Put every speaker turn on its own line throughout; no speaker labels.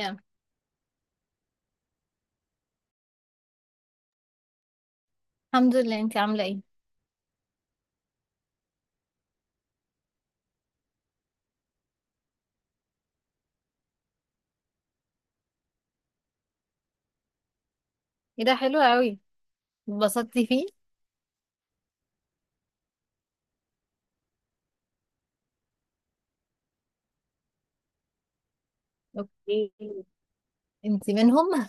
يا. الحمد لله، انتي عاملة ايه؟ ايه ده، حلو قوي. اتبسطتي فيه؟ اوكي. انتي منهم؟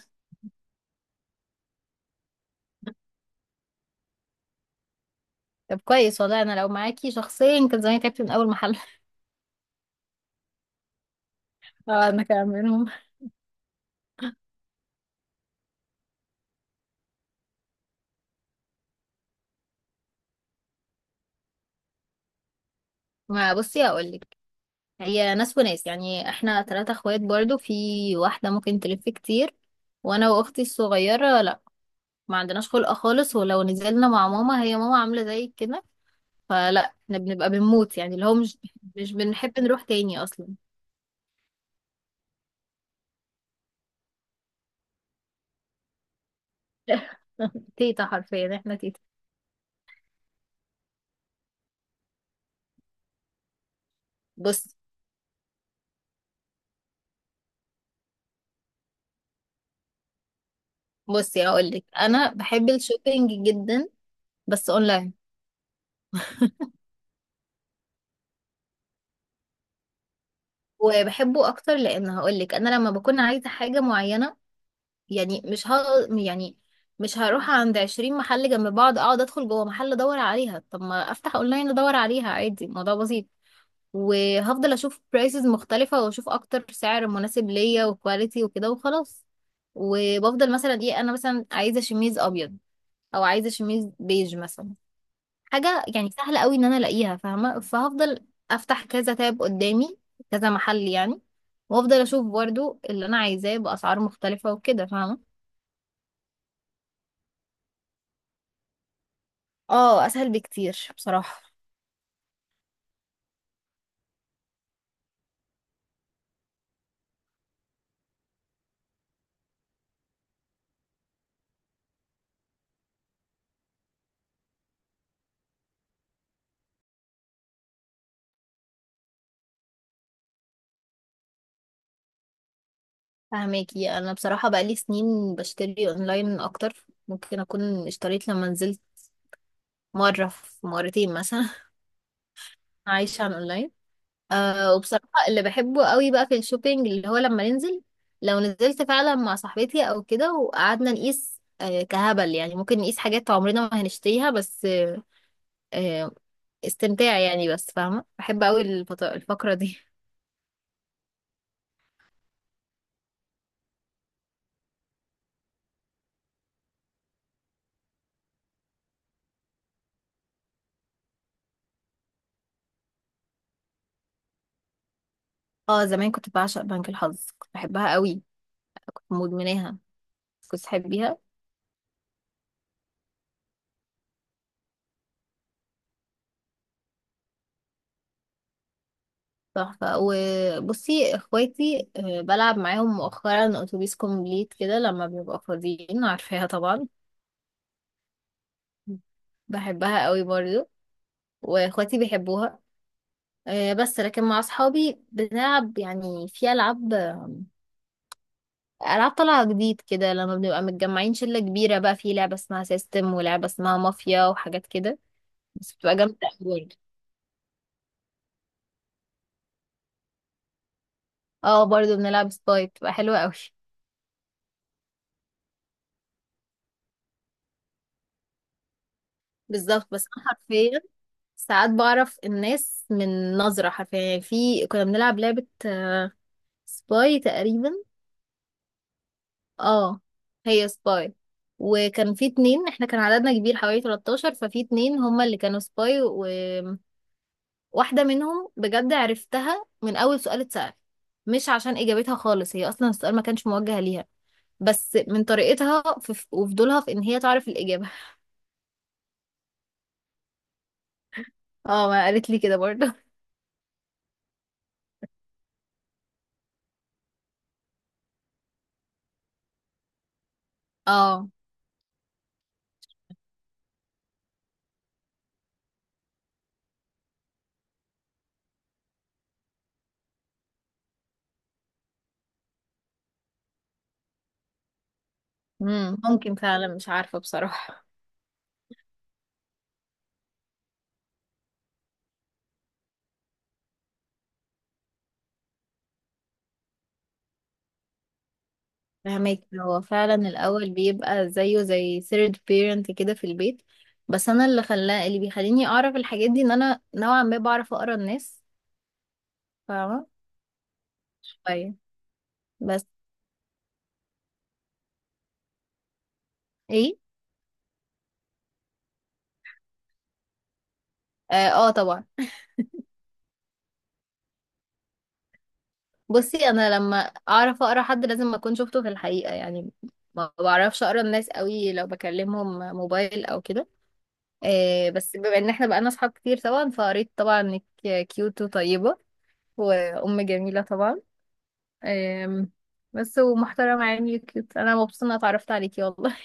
طب كويس والله، انا لو معاكي شخصيا كان زماني تعبت من اول محل. اه انا كمان منهم. ما بصي هقولك، هي ناس وناس، يعني احنا ثلاثة اخوات برضو، في واحدة ممكن تلف كتير، وانا واختي الصغيرة لا، ما عندناش خلق خالص. ولو نزلنا مع ماما، هي ماما عاملة زي كده، فلا احنا بنبقى بنموت، يعني اللي هو مش بنحب نروح تاني اصلا. تيتا، حرفيا احنا تيتا. بص بصي هقولك، انا بحب الشوبينج جدا، بس اونلاين. وبحبه اكتر، لان هقولك انا لما بكون عايزه حاجه معينه، يعني مش ه... يعني مش هروح عند 20 محل جنب بعض، اقعد ادخل جوه محل ادور عليها، طب ما افتح اونلاين ادور عليها، عادي الموضوع بسيط. وهفضل اشوف برايسز مختلفه واشوف اكتر سعر مناسب ليا وكواليتي وكده وخلاص. وبفضل مثلا ايه، انا مثلا عايزه شميز ابيض، او عايزه شميز بيج مثلا، حاجة يعني سهلة قوي ان انا الاقيها، فاهمة؟ فهفضل افتح كذا تاب قدامي، كذا محل يعني، وافضل اشوف برضو اللي انا عايزاه باسعار مختلفة وكده، فاهمة؟ اه اسهل بكتير بصراحة. فهماكي؟ انا بصراحة بقالي سنين بشتري اونلاين اكتر، ممكن اكون اشتريت لما نزلت مرة في مرتين مثلا. عايشة على الاونلاين. أه، وبصراحة اللي بحبه قوي بقى في الشوبينج، اللي هو لما ننزل، لو نزلت فعلا مع صاحبتي او كده وقعدنا نقيس، أه كهبل يعني، ممكن نقيس حاجات عمرنا ما هنشتريها، بس أه، آه، استمتاع يعني. بس فاهمة، بحب قوي الفقرة دي. اه زمان كنت بعشق بنك الحظ، كنت بحبها قوي، كنت مدمناها. كنت تحبيها؟ تحفة. وبصي اخواتي أه بلعب معاهم مؤخرا اتوبيس كومبليت كده لما بيبقوا فاضيين، عارفاها طبعا. بحبها قوي برضو، واخواتي بيحبوها. آه، بس لكن مع اصحابي بنلعب يعني في العاب، العاب طالعه جديد كده لما بنبقى متجمعين شله كبيره، بقى في لعبه اسمها سيستم ولعبه اسمها مافيا وحاجات كده. بس بتبقى جامده أوي برضه. اه برضه بنلعب سباي، بتبقى حلوه قوي. بالظبط. بس انا حرفيا ساعات بعرف الناس من نظره، حرفيا يعني. في كنا بنلعب لعبه سباي تقريبا، اه، هي سباي، وكان في اتنين، احنا كان عددنا كبير حوالي 13، ففي اتنين هما اللي كانوا سباي، وواحدة منهم بجد عرفتها من أول سؤال اتسأل، مش عشان إجابتها خالص، هي أصلا السؤال ما كانش موجه ليها، بس من طريقتها في وفضولها في إن هي تعرف الإجابة. اه ما قالت لي كده برضه. اه. ممكن فعلا، مش عارفة بصراحة. فهمك، هو فعلا الأول بيبقى زيه زي third parent كده في البيت. بس أنا اللي خلاه، اللي بيخليني أعرف الحاجات دي، إن أنا نوعا ما بعرف أقرأ الناس، فاهمة؟ شوية. بس إيه، آه, آه طبعا. بصي، أنا لما أعرف أقرأ حد لازم أكون شفته في الحقيقة يعني، ما بعرفش أقرأ الناس قوي لو بكلمهم موبايل أو كده. آه بس بما إن إحنا بقالنا أصحاب كتير طبعا، فقريت طبعا إنك كيوت وطيبة، وأم جميلة طبعا. أم، بس ومحترمة يعني، كيوت. انا مبسوطة اني اتعرفت عليكي والله.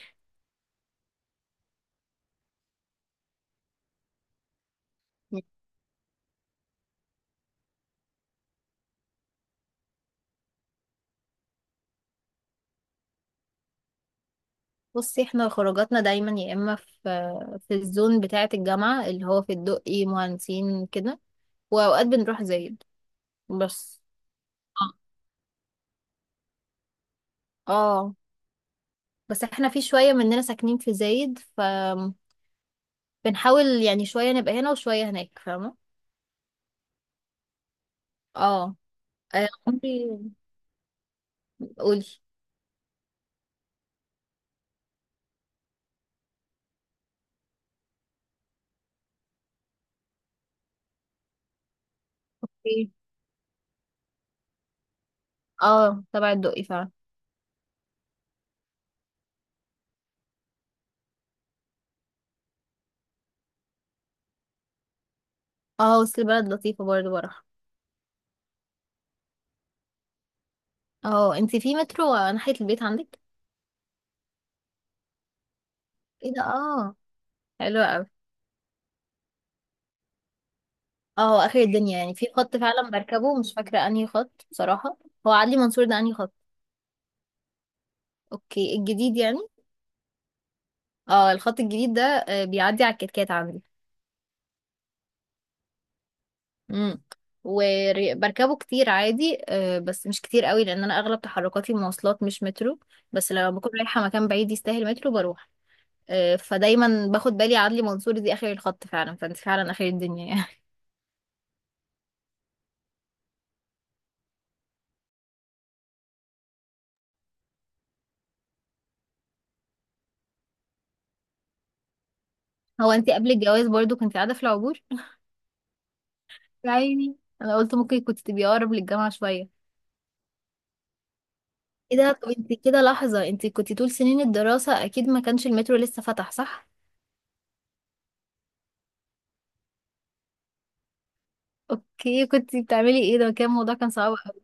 بصي احنا خروجاتنا دايما يا اما في في الزون بتاعة الجامعة، اللي هو في الدقي مهندسين كده، واوقات بنروح زايد بس. اه. آه. بس احنا في شوية مننا ساكنين في زايد، فبنحاول يعني شوية نبقى هنا وشوية هناك، فاهمة؟ اه. آه، عمري قولي. إيه؟ اه تبع الدقي فعلا. اه وسط البلد لطيفة برضه، بروح. اه، انتي في مترو ناحية البيت عندك؟ ايه ده، اه حلو قوي. اه هو اخر الدنيا يعني. في خط فعلا بركبه مش فاكره انهي خط بصراحه. هو عدلي منصور ده انهي خط؟ اوكي، الجديد يعني. اه، الخط الجديد ده آه، بيعدي على الكتكات عندي. امم. وبركبه كتير عادي، آه، بس مش كتير قوي، لان انا اغلب تحركاتي مواصلات مش مترو، بس لما بكون رايحه مكان بعيد يستاهل مترو بروح. آه، فدايما باخد بالي عدلي منصور دي اخر الخط فعلا، فانت فعلا اخر الدنيا يعني. هو انت قبل الجواز برضو كنت قاعده في العبور؟ يا عيني. انا قلت ممكن كنت تبقي اقرب للجامعة شوية. ايه ده؟ طب انت كده، لحظة، انت كنت طول سنين الدراسة اكيد ما كانش المترو لسه فتح، صح؟ اوكي، كنت بتعملي ايه؟ ده كان الموضوع كان صعب قوي.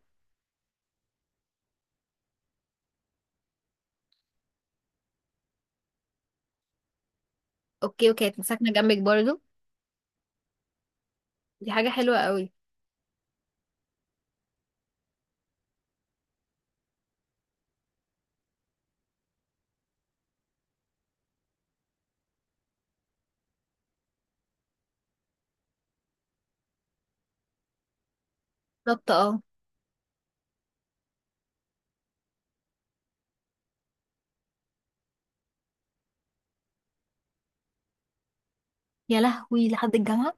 اوكي وكانت ساكنة جنبك برضو؟ دي حاجة حلوة قوي. بالظبط اه. يا لهوي، لحد الجامعة؟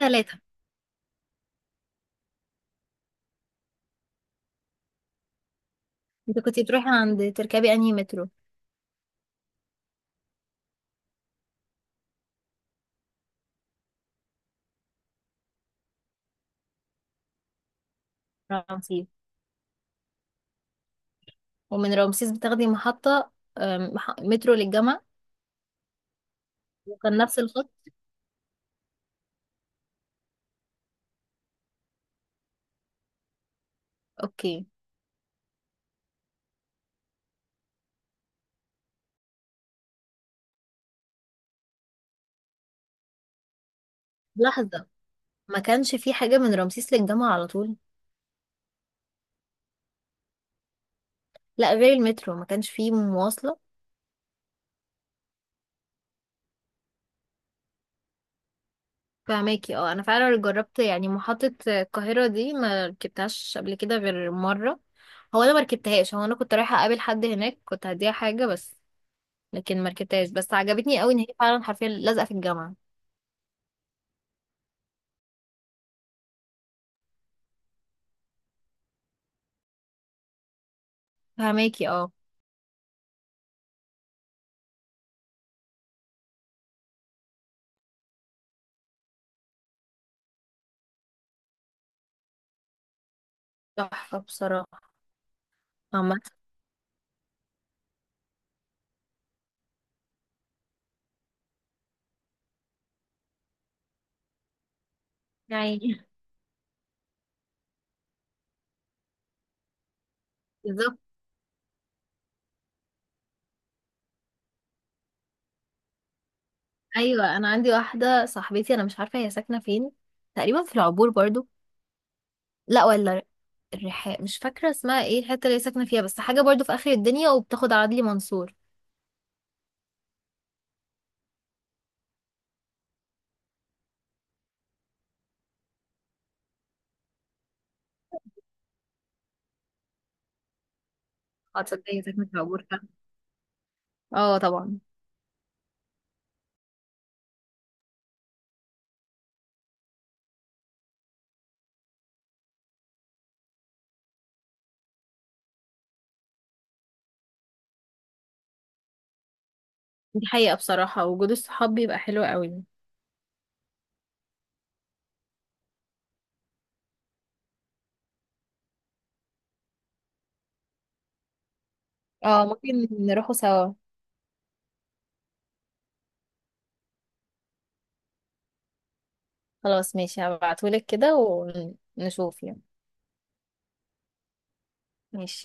ثلاثة. انت كنت بتروحي عند، تركبي انهي مترو؟ رمسيس. ومن رمسيس بتاخدي محطة، مترو للجامعة؟ وكان نفس الخط؟ اوكي. لحظة، ما كانش في حاجة من رمسيس للجامعة على طول؟ لا غير المترو، ما كانش فيه مواصلة؟ فماكي اه. انا فعلا جربت يعني محطة القاهرة دي، ما ركبتهاش قبل كده غير مرة. هو انا ما ركبتهاش، هو انا كنت رايحة اقابل حد هناك، كنت هديها حاجة بس، لكن ما ركبتهاش، بس عجبتني قوي ان هي فعلا حرفيا لازقة في الجامعة. فماكي اه. تحفة بصراحة. عامة يعني. بالظبط. ايوه انا عندي واحدة صاحبتي، انا مش عارفة هي ساكنة فين، تقريبا في العبور برضو. لا، ولا الرحاب، مش فاكرة اسمها ايه الحتة اللي هي ساكنة فيها، بس حاجة برضو في آخر الدنيا وبتاخد على عدلي منصور. اه تصدقي ساكنة في عبورة. اه طبعا. دي حقيقة بصراحة، وجود الصحاب بيبقى حلو قوي. اه ممكن نروحوا سوا. خلاص ماشي، هبعتهولك كده ونشوف يعني. ماشي.